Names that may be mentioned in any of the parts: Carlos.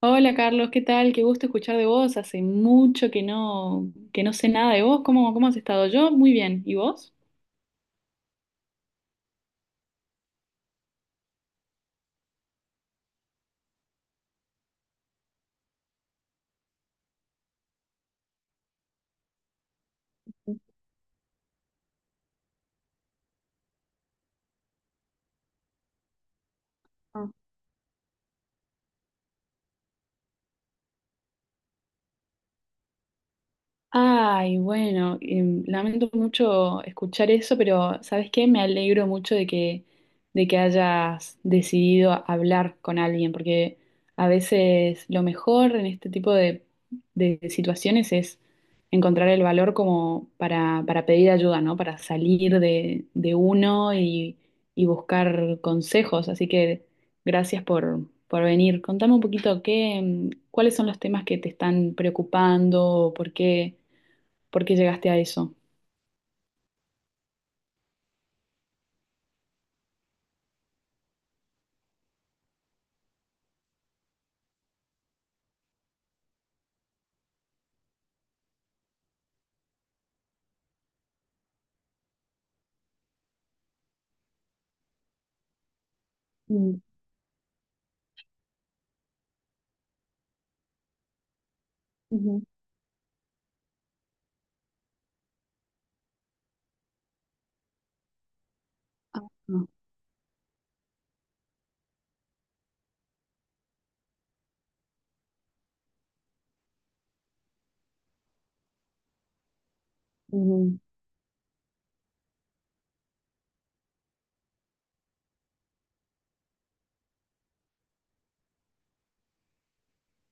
Hola Carlos, ¿qué tal? Qué gusto escuchar de vos. Hace mucho que no sé nada de vos. ¿Cómo has estado? Yo muy bien. ¿Y vos? Ay, bueno, lamento mucho escuchar eso, pero ¿sabes qué? Me alegro mucho de que hayas decidido hablar con alguien, porque a veces lo mejor en este de situaciones es encontrar el valor como para pedir ayuda, ¿no? Para de uno y buscar consejos. Así que por venir. Contame un poquito qué, cuáles son los temas que te están preocupando, por qué. ¿Por qué llegaste a eso? Mm, ujú. Ah, no. Ujú.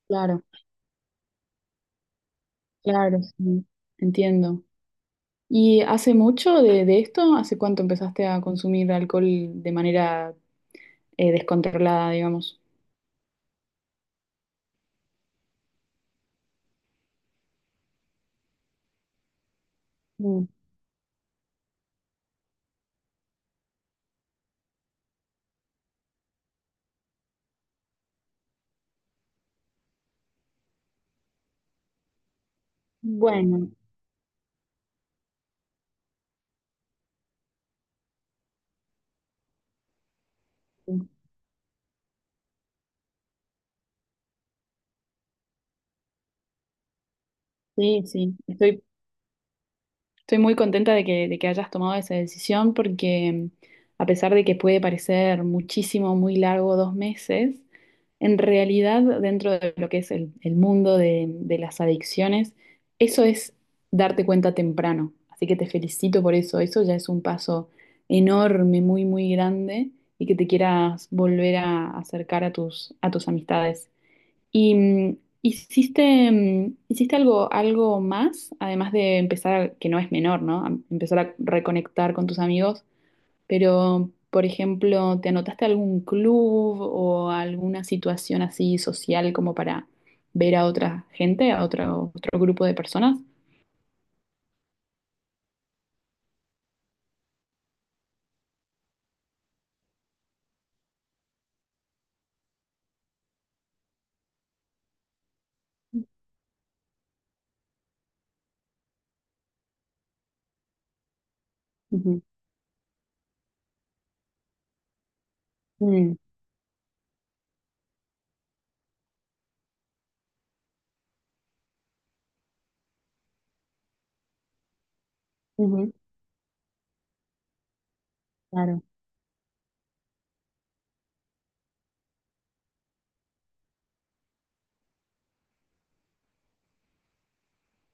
Claro, claro, sí. Entiendo. ¿Y hace mucho de esto? ¿Hace cuánto empezaste a consumir alcohol de manera descontrolada, digamos? Mm. Bueno, sí, sí. Estoy muy contenta de que hayas tomado esa decisión porque a pesar de que puede parecer muchísimo, muy largo, dos meses. En realidad, dentro de lo que es el mundo de las adicciones, eso es darte cuenta temprano. Así que te felicito por eso. Eso ya es un paso enorme, muy, muy grande, y que te quieras volver a acercar a a tus amistades. ¿Y hiciste algo, algo más, además de empezar, que no es menor, ¿no? A empezar a reconectar con tus amigos? Pero, por ejemplo, ¿te anotaste a algún club o a alguna situación así social como para ver a otra gente, a otro, otro grupo de personas? Ujú. Mm. Ujú. Claro,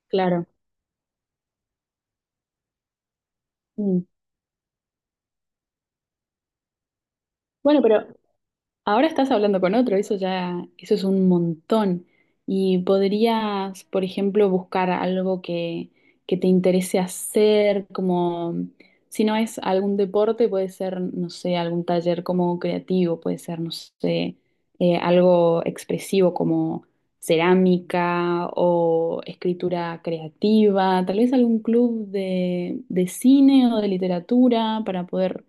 claro. Mm. Bueno, pero ahora estás hablando con otro, eso ya, eso es un montón. Y podrías, por ejemplo, buscar algo que te interese hacer, como si no es algún deporte, puede ser, no sé, algún taller como creativo, puede ser, no sé, algo expresivo como cerámica o escritura creativa, tal vez algún club de cine o de literatura para poder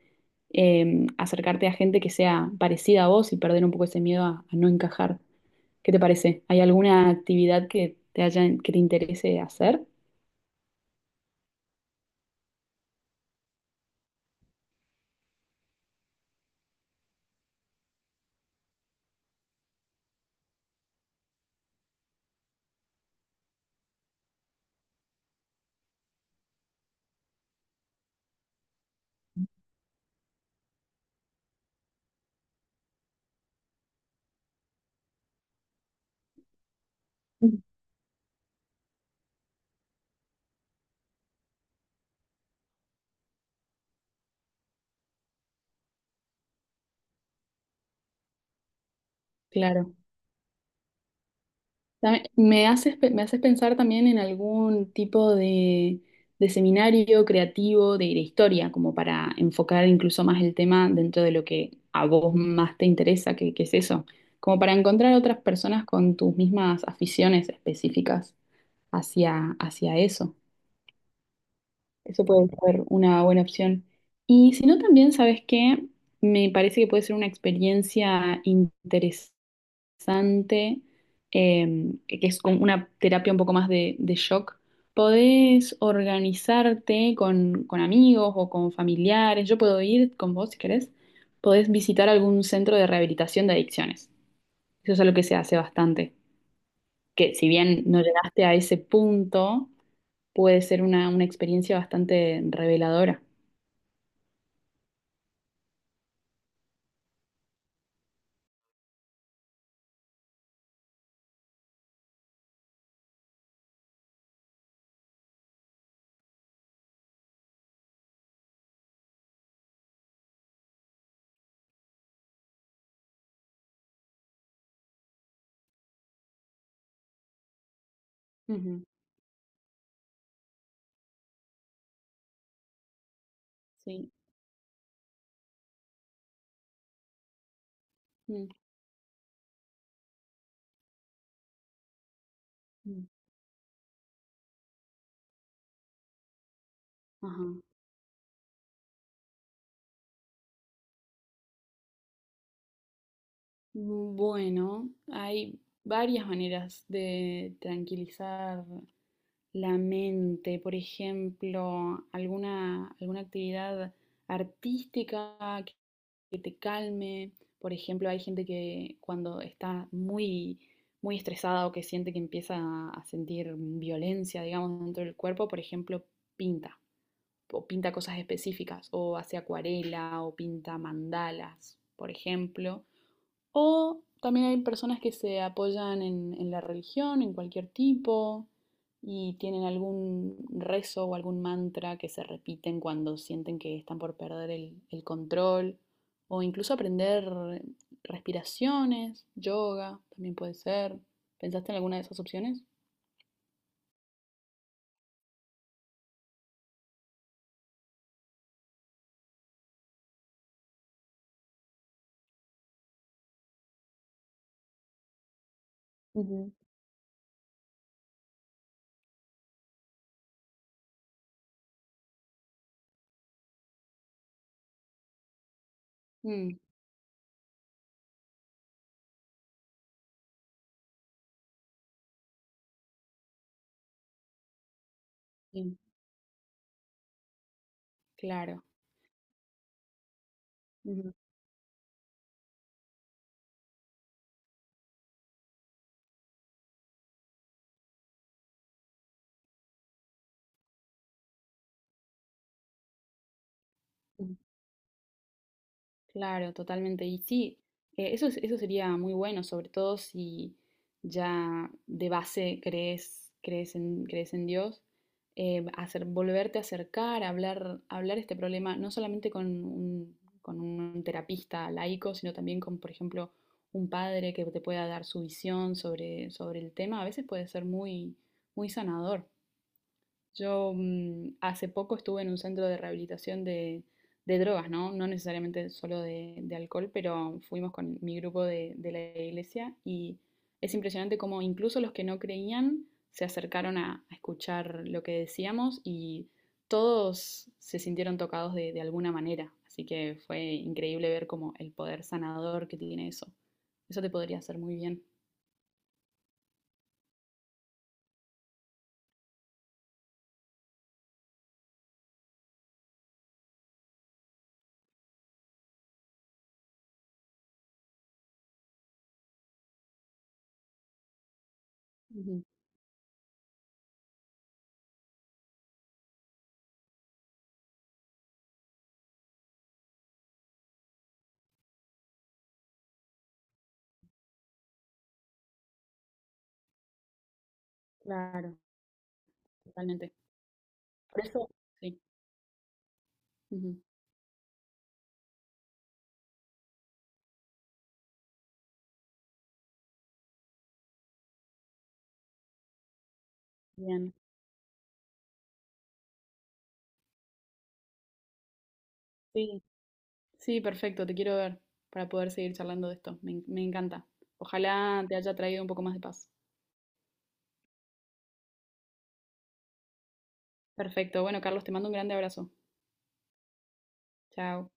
acercarte a gente que sea parecida a vos y perder un poco ese miedo a no encajar. ¿Qué te parece? ¿Hay alguna actividad que te haya, que te interese hacer? Mm. Claro. Me haces, me haces pensar también en algún de seminario creativo de historia, como para enfocar incluso más el tema dentro de lo que a vos más te interesa, que es eso, como para encontrar otras personas con tus mismas aficiones específicas hacia, hacia eso. Eso puede ser una buena opción. Y si no, también, ¿sabes qué? Me parece que puede ser una experiencia interesante, eh, que es como una terapia un poco más de shock. Podés organizarte con amigos o con familiares. Yo puedo ir con vos si querés. Podés visitar algún centro de rehabilitación de adicciones. Eso es algo que se hace bastante. Que si bien no llegaste a ese punto, puede ser una experiencia bastante reveladora. Ujú. Sí. Mm. Mm. Ajá. Bueno, hay varias maneras de tranquilizar la mente. Por ejemplo, alguna, alguna actividad artística que, que te calme. Por ejemplo, hay gente que cuando está muy, muy estresada o que siente que empieza a sentir violencia, digamos, dentro del cuerpo, por ejemplo, pinta, o pinta cosas específicas, o hace acuarela, o pinta mandalas, por ejemplo. O también hay personas que se apoyan en la religión, en cualquier tipo, y tienen algún rezo o algún mantra que se repiten cuando sienten que están por perder el control, o incluso aprender respiraciones, yoga, también puede ser. ¿Pensaste en alguna de esas opciones? Ujú. Mm, sí, claro. Ujú. Claro, totalmente. Y sí, eso sería muy bueno, sobre todo si ya de base crees, crees en, crees en Dios, hacer, volverte a acercar, hablar, hablar este problema, no solamente con un terapista laico, sino también con, por ejemplo, un padre que te pueda dar su visión sobre, sobre el tema, a veces puede ser muy, muy sanador. Yo hace poco estuve en un centro de rehabilitación de drogas, ¿no? No necesariamente solo de alcohol, pero fuimos con mi grupo de la iglesia y es impresionante cómo incluso los que no creían se acercaron a escuchar lo que decíamos y todos se sintieron tocados de alguna manera. Así que fue increíble ver como el poder sanador que tiene eso. Eso te podría hacer muy bien. Ujú. Claro, totalmente. Por eso, sí. Ujú. Bien. Sí, sí, perfecto, te quiero ver para poder seguir charlando de esto. Me, me encanta. Ojalá te haya traído un poco más de paz. Perfecto, bueno, Carlos, te mando un grande abrazo. Chao.